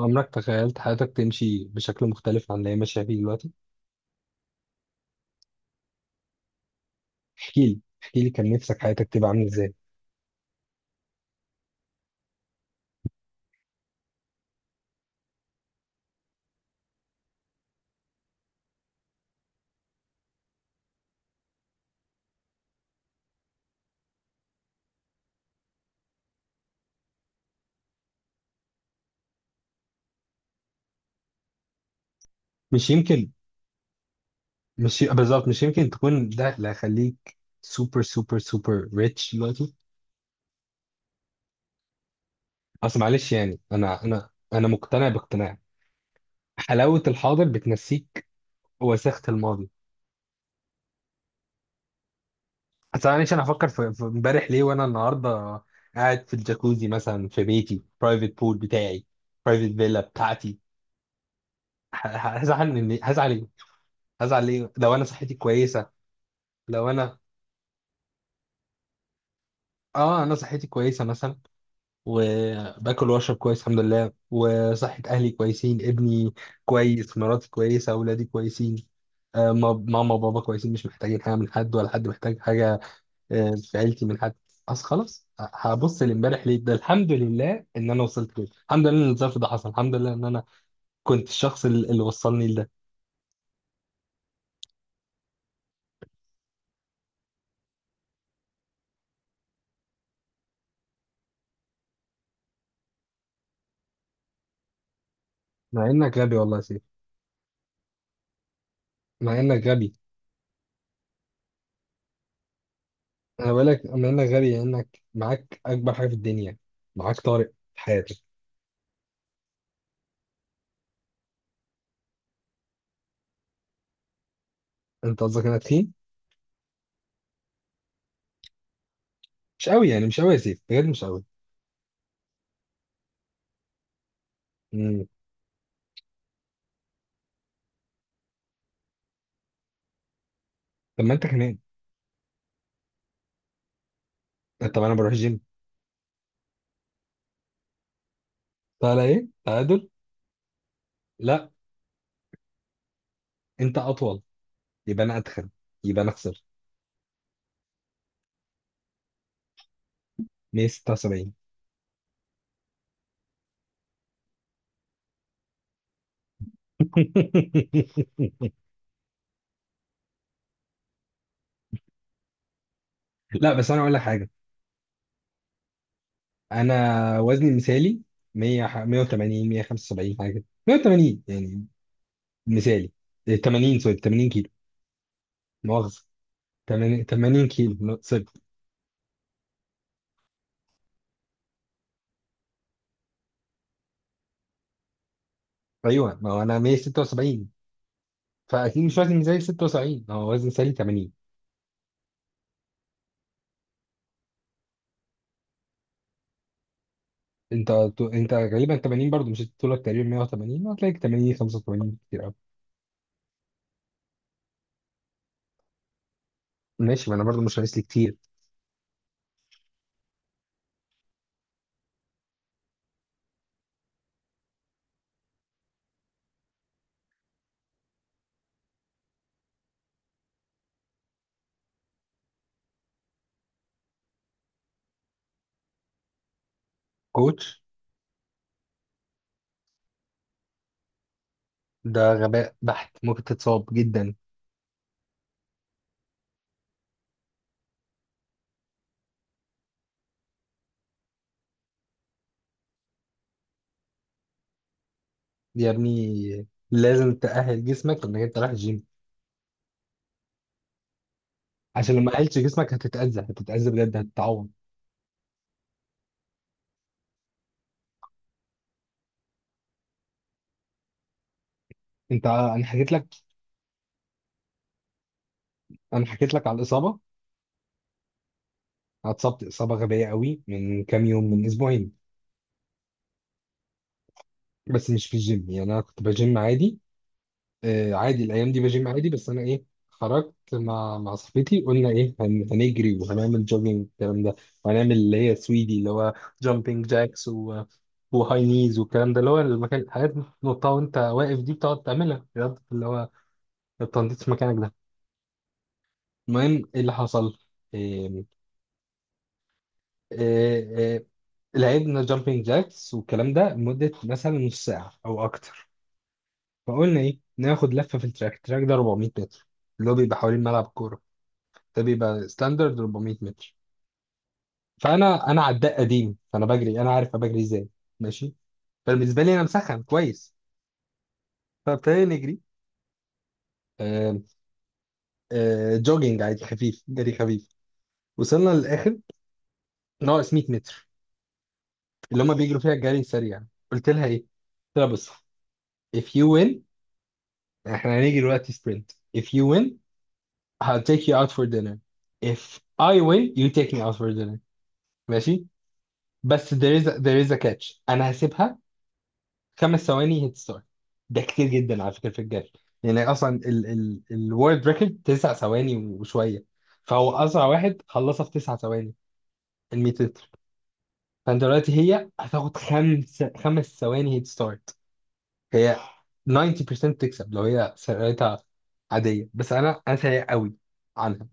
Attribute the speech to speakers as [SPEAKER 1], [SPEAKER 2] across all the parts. [SPEAKER 1] عمرك تخيلت حياتك تمشي بشكل مختلف عن اللي هي ماشية فيه دلوقتي؟ احكي لي، كان نفسك حياتك تبقى عاملة ازاي؟ مش يمكن. مش ي- بالظبط، مش يمكن تكون ده اللي هيخليك سوبر سوبر سوبر ريتش دلوقتي. اصل معلش يعني انا مقتنع باقتناع. حلاوة الحاضر بتنسيك وساخة الماضي. اصل معلش، انا هفكر في امبارح ليه وانا النهارده قاعد في الجاكوزي مثلا في بيتي، برايفت بول بتاعي، برايفت فيلا بتاعتي. هزعل من هزعل ايه؟ هزعل ليه لو انا صحتي كويسة؟ لو انا، اه انا صحتي كويسه مثلا، وباكل واشرب كويس الحمد لله، وصحه اهلي كويسين، ابني كويس، مراتي كويسه، اولادي كويسين، ماما وبابا كويسين، مش محتاجين حاجه من حد ولا حد محتاج حاجه في عيلتي من حد. اصل خلاص، هبص لامبارح ليه؟ ده الحمد لله ان انا وصلت كده، الحمد لله ان الظرف ده حصل، الحمد لله ان انا كنت الشخص اللي وصلني لده. مع انك غبي والله يا سيف. مع انك غبي. انا بقول لك مع انك غبي لانك معاك اكبر حاجه في الدنيا، معاك طارق في حياتك. انت قصدك انا تخين؟ مش قوي يعني، مش قوي يا سيف، بجد مش قوي. امم. طب ما انت كمان. طب انا بروح جيم. طالع ايه تعادل؟ لا. انت اطول، يبقى انا اتخن، يبقى انا اخسر. 176. لا بس انا اقول لك حاجه. انا وزني المثالي 100، 180، 175 حاجه كده. 180 يعني، مثالي إيه، 80، سوري 80 كيلو. مؤاخذه، 80 80 كيلو، لا، سوري. ايوه، ما هو انا 176، فاكيد مش وزني مثالي 76، هو وزني مثالي 80. انت انت غالبا 80 برضه، مش طولك تقريبا 180، هتلاقيك 80، 85 كتير قوي. ماشي، ما انا برضه مش عايز لي كتير. كوتش. ده غباء بحت، ممكن تتصاب جدا. يا ابني، لازم تأهل جسمك انك انت رايح الجيم، عشان لو ما أهلتش جسمك هتتأذى، هتتأذى بجد، هتتعور. انا حكيت لك. انا حكيت لك على الإصابة. أنا اتصبت إصابة غبية قوي من كام يوم، من أسبوعين. بس مش في الجيم يعني، انا كنت بجيم عادي، عادي الايام دي بجيم عادي. بس انا ايه، خرجت مع صاحبتي، قلنا ايه، هنجري وهنعمل جوجينج الكلام ده، وهنعمل اللي هي سويدي، اللي هو جامبينج جاكس و... وهاي نيز والكلام ده، اللي هو المكان، الحاجات نطها وانت واقف دي، بتقعد تعملها رياضة، اللي هو التنطيط في مكانك ده. المهم، ايه اللي حصل؟ إيه إيه إيه لعبنا جامبينج جاكس والكلام ده لمدة مثلا نص ساعة أو أكتر. فقلنا إيه، ناخد لفة في التراك. التراك ده 400 متر، اللي هو بيبقى حوالين ملعب كورة. ده بيبقى ستاندرد 400 متر. فانا عداء قديم، فانا بجري، انا عارف أنا بجري ازاي، ماشي. فبالنسبه لي انا مسخن كويس. فابتدينا نجري. آه جوجينج عادي خفيف، جري خفيف. وصلنا للاخر، ناقص 100 متر، اللي هم بيجروا فيها الجري السريع. قلت لها ايه؟ قلت لها بص، if you win، احنا هنيجي دلوقتي سبرنت. if you win I'll take you out for dinner. if I win you take me out for dinner. ماشي. بس there is a catch. انا هسيبها 5 ثواني هيت ستارت، ده كتير جدا على فكره في الجري. يعني اصلا ال الورد ريكورد 9 ثواني وشويه، فهو اسرع واحد خلصها في 9 ثواني، ال 100 متر. فانت دلوقتي، هي هتاخد خمس ثواني هيت ستارت. هي 90% تكسب لو هي سرعتها عاديه، بس انا سريع قوي عنها.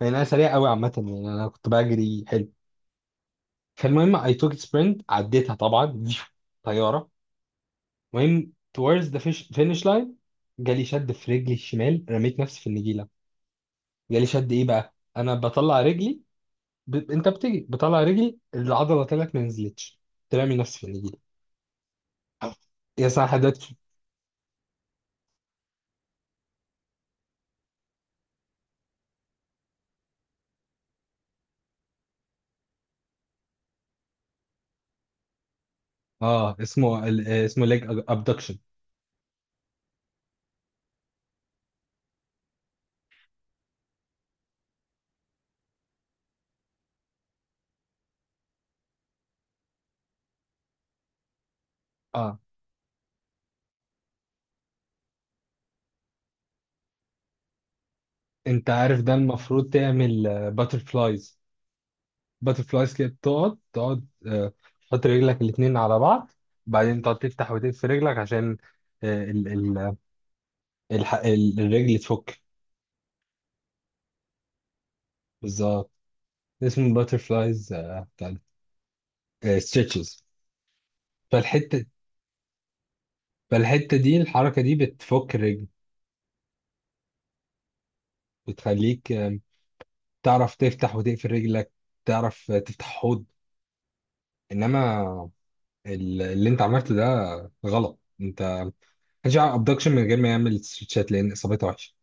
[SPEAKER 1] يعني انا سريع قوي عامه، يعني انا كنت بجري حلو. فالمهم، اي توك سبرنت، عديتها طبعا. طياره. المهم، towards the finish line، جالي شد في رجلي الشمال، رميت نفسي في النجيله. جالي شد ايه بقى، انا بطلع رجلي، انت بتيجي بطلع رجلي، العضله طلعت ما نزلتش، ترمي نفسي في النجيله. يا صح حدث. اه، اسمه ال... آه، اسمه ليج ابدكشن. اه، انت عارف ده المفروض تعمل باتر فلايز. باتر فلايز كده، بتقعد تحط رجلك الاتنين على بعض، بعدين تقعد تفتح وتقفل رجلك، عشان آه، ال... ال... الرجل تفك. بالظبط. اسمه باترفلايز، بتاع ستريتشز. فالحته فالحته دي، الحركه دي بتفك الرجل، بتخليك تعرف تفتح وتقفل رجلك، تعرف تفتح حوض. انما اللي انت عملته ده غلط انت، مش ابدكشن من غير ما يعمل ستريتشات، لان اصابتها وحشه.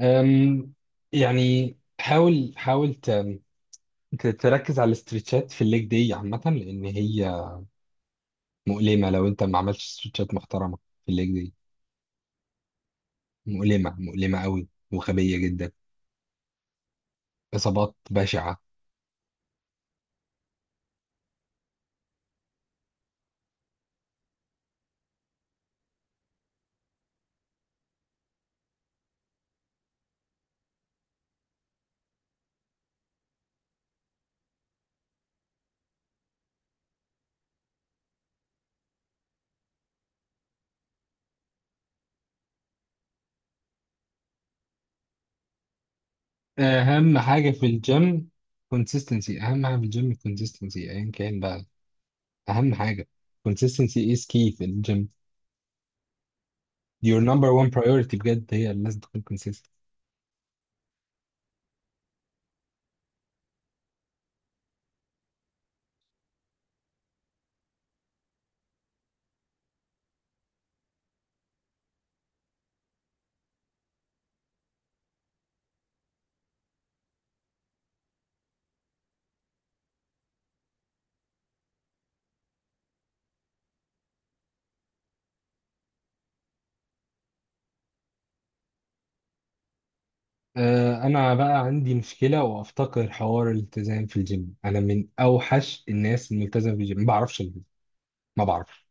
[SPEAKER 1] أم، يعني حاول تركز على الاسترتشات في الليج دي عامه، لان هي مؤلمه لو انت ما عملتش استرتشات محترمه في الليج دي. مؤلمة، مؤلمة قوي وغبية جدا. إصابات بشعة. أهم حاجة في الجيم كونسيستنسي. أهم حاجة في الجيم الكونسيستنسي، أيا كان بقى. أهم حاجة كونسيستنسي is key في الجيم. your number one priority بجد، هي لازم تكون consistent. أنا بقى عندي مشكلة وأفتقر حوار الالتزام في الجيم. أنا من أوحش الناس الملتزمة في الجيم، ما بعرفش ألتزم. ما بعرفش